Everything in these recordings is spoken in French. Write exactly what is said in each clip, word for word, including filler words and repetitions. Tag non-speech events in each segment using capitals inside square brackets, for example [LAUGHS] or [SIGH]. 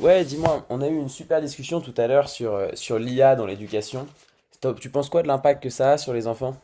Ouais, dis-moi, on a eu une super discussion tout à l'heure sur, euh, sur l'I A dans l'éducation. Stop, tu penses quoi de l'impact que ça a sur les enfants?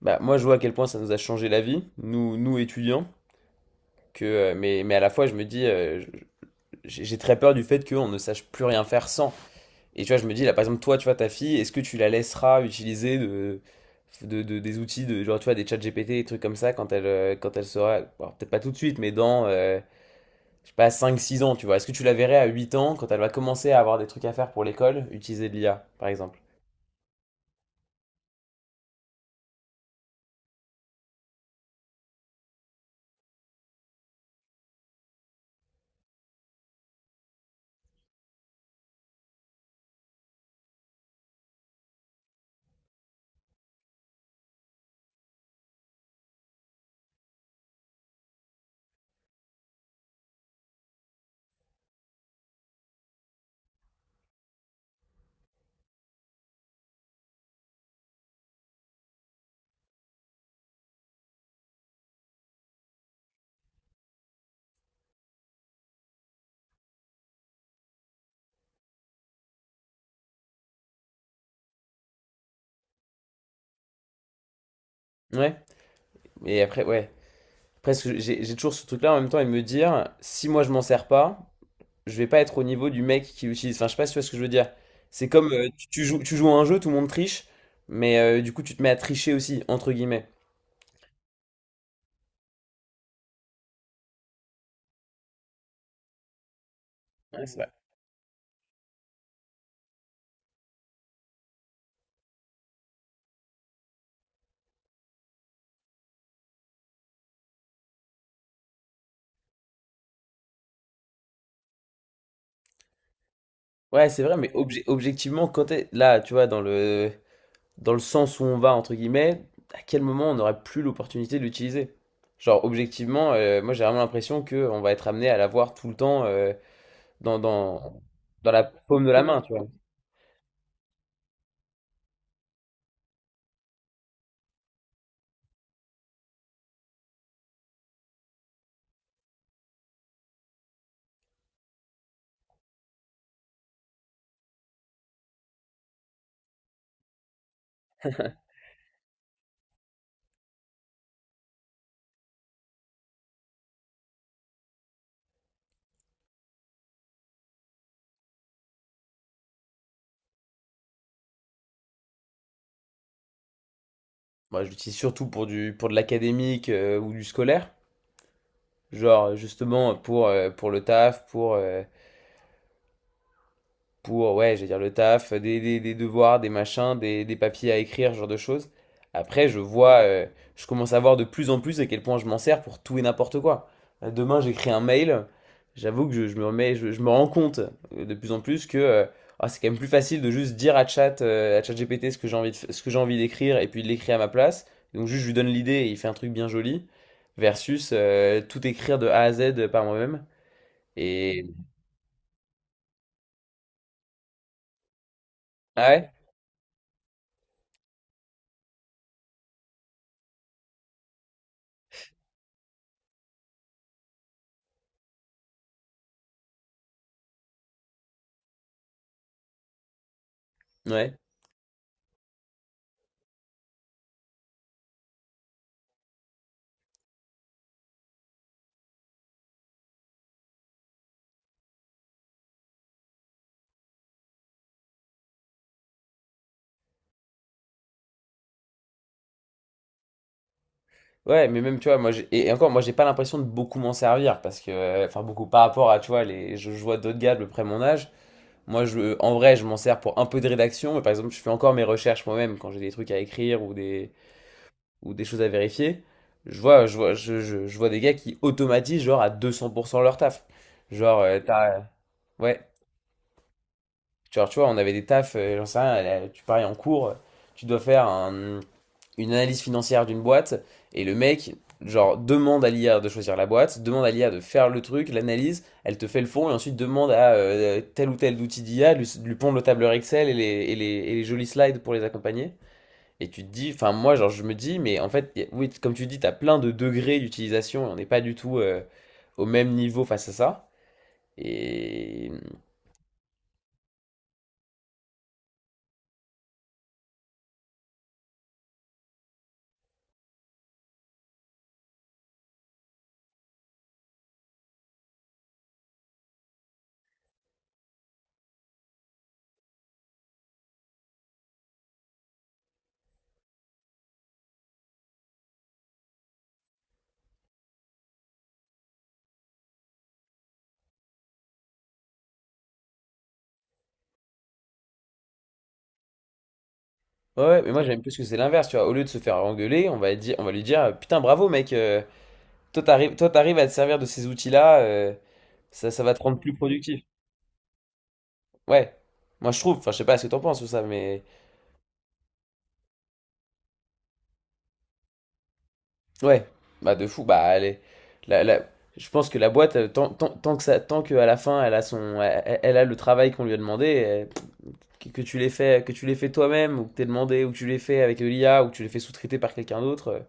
Bah, moi, je vois à quel point ça nous a changé la vie, nous, nous étudiants, que, euh, mais, mais à la fois, je me dis, euh, je- j'ai j'ai très peur du fait qu'on ne sache plus rien faire sans. Et tu vois, je me dis, là, par exemple, toi, tu vois, ta fille, est-ce que tu la laisseras utiliser de, de, de- des outils, de, genre, tu vois, des chats G P T, des trucs comme ça, quand elle, euh, quand elle sera, bon, peut-être pas tout de suite, mais dans euh, je sais pas, cinq six ans, tu vois. Est-ce que tu la verrais à huit ans quand elle va commencer à avoir des trucs à faire pour l'école, utiliser de l'I A, par exemple? Ouais. Et après, ouais. Après, ce j'ai j'ai toujours ce truc-là en même temps et de me dire, si moi je m'en sers pas, je vais pas être au niveau du mec qui l'utilise. Enfin, je sais pas si tu vois ce que je veux dire. C'est comme euh, tu, tu joues, tu joues à un jeu, tout le monde triche, mais euh, du coup tu te mets à tricher aussi, entre guillemets. Ouais, c'est vrai. Ouais, c'est vrai, mais obje- objectivement, quand t'es là, tu vois, dans le dans le sens où on va, entre guillemets, à quel moment on n'aurait plus l'opportunité de l'utiliser? Genre, objectivement, euh, moi j'ai vraiment l'impression qu'on va être amené à l'avoir tout le temps euh, dans, dans, dans la paume de la main, tu vois. Moi je l'utilise surtout pour du, pour de l'académique euh, ou du scolaire. Genre, justement, pour, euh, pour le taf, pour, euh, pour, ouais, je vais dire le taf, des, des- des devoirs, des machins, des, des papiers à écrire, ce genre de choses. Après, je vois, euh, je commence à voir de plus en plus à quel point je m'en sers pour tout et n'importe quoi. Euh, Demain, j'écris un mail, j'avoue que je, je me remets, je, je me rends compte euh, de plus en plus que euh, ah, c'est quand même plus facile de juste dire à chat, euh, à ChatGPT ce que j'ai envie de, f- ce que j'ai envie d'écrire et puis de l'écrire à ma place. Donc juste, je lui donne l'idée et il fait un truc bien joli, versus euh, tout écrire de A à Z par moi-même. Et... Ah ouais? Ouais. Ouais, mais même, tu vois, moi, j'ai- et et encore, moi, j'ai pas l'impression de beaucoup m'en servir parce que, euh, enfin, beaucoup par rapport à, tu vois, les, je, je vois d'autres gars de peu près mon âge. Moi, je, en vrai, je m'en sers pour un peu de rédaction, mais par exemple, je fais encore mes recherches moi-même quand j'ai des trucs à écrire ou des, ou des choses à vérifier. Je vois, je vois, je, je, je vois des gars qui automatisent, genre, à deux cents pour cent leur taf. Genre, euh, t'as- ouais, genre, tu vois, on avait des tafs, euh, j'en sais rien, euh, tu paries en cours, tu dois faire un, une analyse financière d'une boîte et le mec, genre, demande à l'I A de choisir la boîte, demande à l'I A de faire le truc, l'analyse, elle te fait le fond et ensuite demande à euh, tel ou tel outil d'I A, lui, lui pondre le tableur Excel et les, et les, et les jolis slides pour les accompagner. Et tu te dis, enfin, moi, genre, je me dis, mais en fait, y a- oui, comme tu dis, t'as plein de degrés d'utilisation et on n'est pas du tout euh, au même niveau face à ça. Et. Ouais, ouais, mais moi j'aime plus que c'est l'inverse, tu vois. Au lieu de se faire engueuler, on va dire, on va lui dire, putain, bravo mec, euh, Toi, t'arrives, toi, t'arrives à te servir de ces outils-là, euh, ça, ça va te rendre plus productif. Ouais. Moi, je trouve, enfin, je sais pas ce que t'en penses ou ça, mais ouais. Bah, de fou. Bah, allez. La, la- Je pense que la boîte, euh, tant, tant, tant que ça, tant qu'à la fin, elle a son, elle, elle- elle a le travail qu'on lui a demandé, euh, que, que tu l'aies fait, que tu l'aies fait toi-même, ou que t'aies demandé, ou que tu l'aies fait avec de l'I A, ou que tu l'aies fait sous-traiter par quelqu'un d'autre. euh,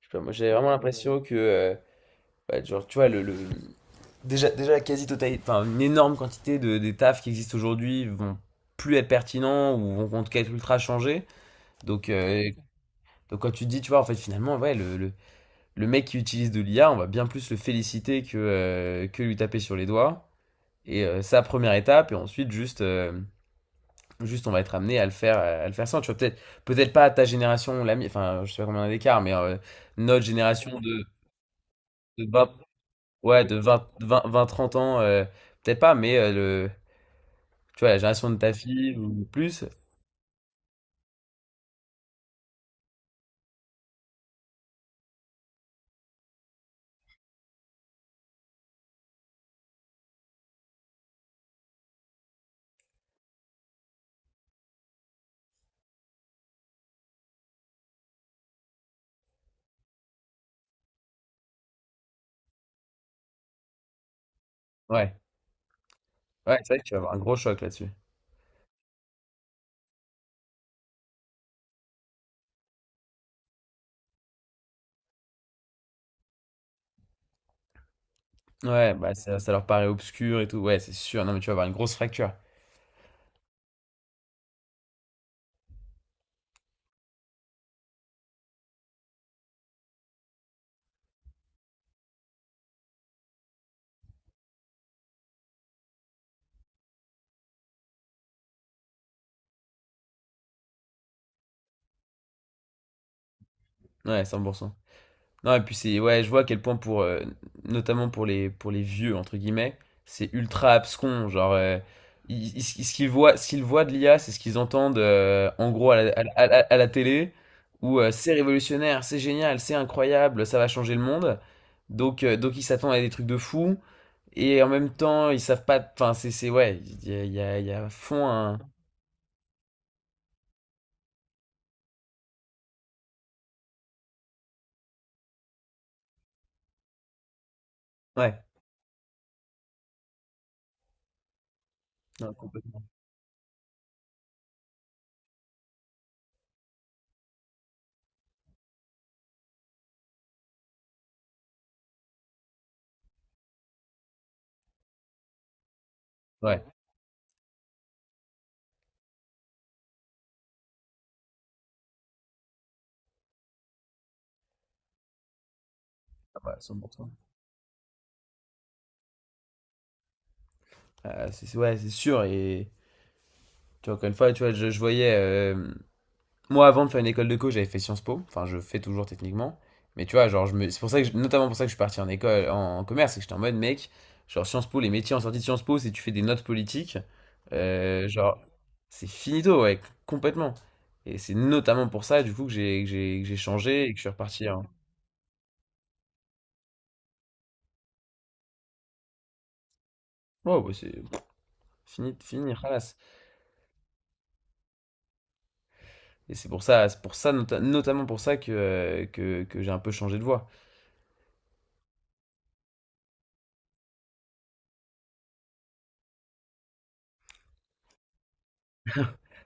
Je sais pas, moi, j'ai vraiment l'impression que, euh, bah, genre, tu vois, le, le- déjà, déjà la quasi-totalité, enfin une énorme quantité de, des tafs qui existent aujourd'hui vont plus être pertinents ou vont en tout cas être ultra changés. Donc, euh, donc quand tu te dis, tu vois, en fait finalement, ouais, le, le, le mec qui utilise de l'I A, on va bien plus le féliciter que, euh, que lui taper sur les doigts. Et euh, c'est la première étape, et ensuite juste... euh, Juste, on va être amené à le faire, à le faire sans. Tu vois, peut-être, peut-être pas à ta génération, la mi- enfin, je sais pas combien on a d'écart, mais euh, notre génération de, de vingt, ouais, de vingt vingt vingt trente ans, euh, peut-être pas, mais euh, tu vois, la génération de ta fille ou plus, ouais, ouais, c'est vrai que tu vas avoir un gros choc là-dessus. Ouais, bah ça, ça leur paraît obscur et tout. Ouais, c'est sûr. Non, mais tu vas avoir une grosse fracture. Ouais, cent pour cent. Non, et puis c'est ouais, je vois à quel point pour euh, notamment pour les pour les vieux entre guillemets, c'est ultra abscon, genre euh, ils- ils- ce qu'ils voient ce qu'ils voient de l'I A, c'est ce qu'ils entendent euh, en gros à la, à la- à la- à la télé où euh, c'est révolutionnaire, c'est génial, c'est incroyable, ça va changer le monde. Donc euh, donc ils s'attendent à des trucs de fou. Et en même temps, ils savent pas. Enfin, c'est, c'est, ouais, il y a, il y a, il y a à fond un. Ouais, non, complètement. Ouais, ah bah, cent pour cent. Euh, c'est, c'est- ouais, c'est sûr. Et tu vois, encore une fois, tu vois, je, je voyais. euh, Moi, avant de faire une école de co, j'avais fait Sciences Po. Enfin, je fais toujours techniquement. Mais tu vois, genre, je me... c'est pour ça que je- notamment pour ça que je suis parti en école, en, en commerce, c'est que j'étais en mode, mec, genre, Sciences Po, les métiers en sortie de Sciences Po, si tu fais des notes politiques, euh, genre, c'est finito, ouais, complètement. Et c'est notamment pour ça, du coup, que j'ai que j'ai que j'ai changé et que je suis reparti. Ouais, bah, c'est fini, fini, halas. Et c'est pour ça, c'est pour ça, nota- notamment pour ça que, euh, que, que j'ai un peu changé de voix.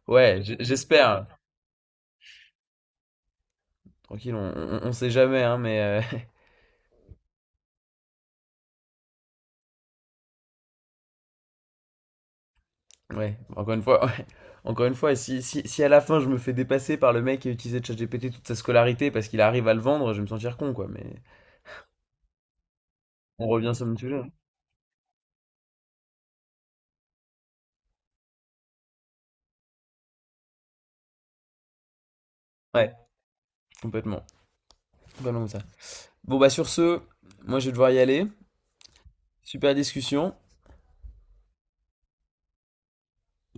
Ouais, j- j'espère. Tranquille, on, on, on sait jamais, hein, mais euh, [LAUGHS] ouais, encore une fois, ouais. Encore une fois, si, si, si à la fin je me fais dépasser par le mec qui a utilisé ChatGPT toute sa scolarité parce qu'il arrive à le vendre, je vais me sentir con, quoi. Mais on revient sur le sujet. hein. Ouais, complètement. Complètement comme ça. Bon, bah sur ce, moi je vais devoir y aller. Super discussion.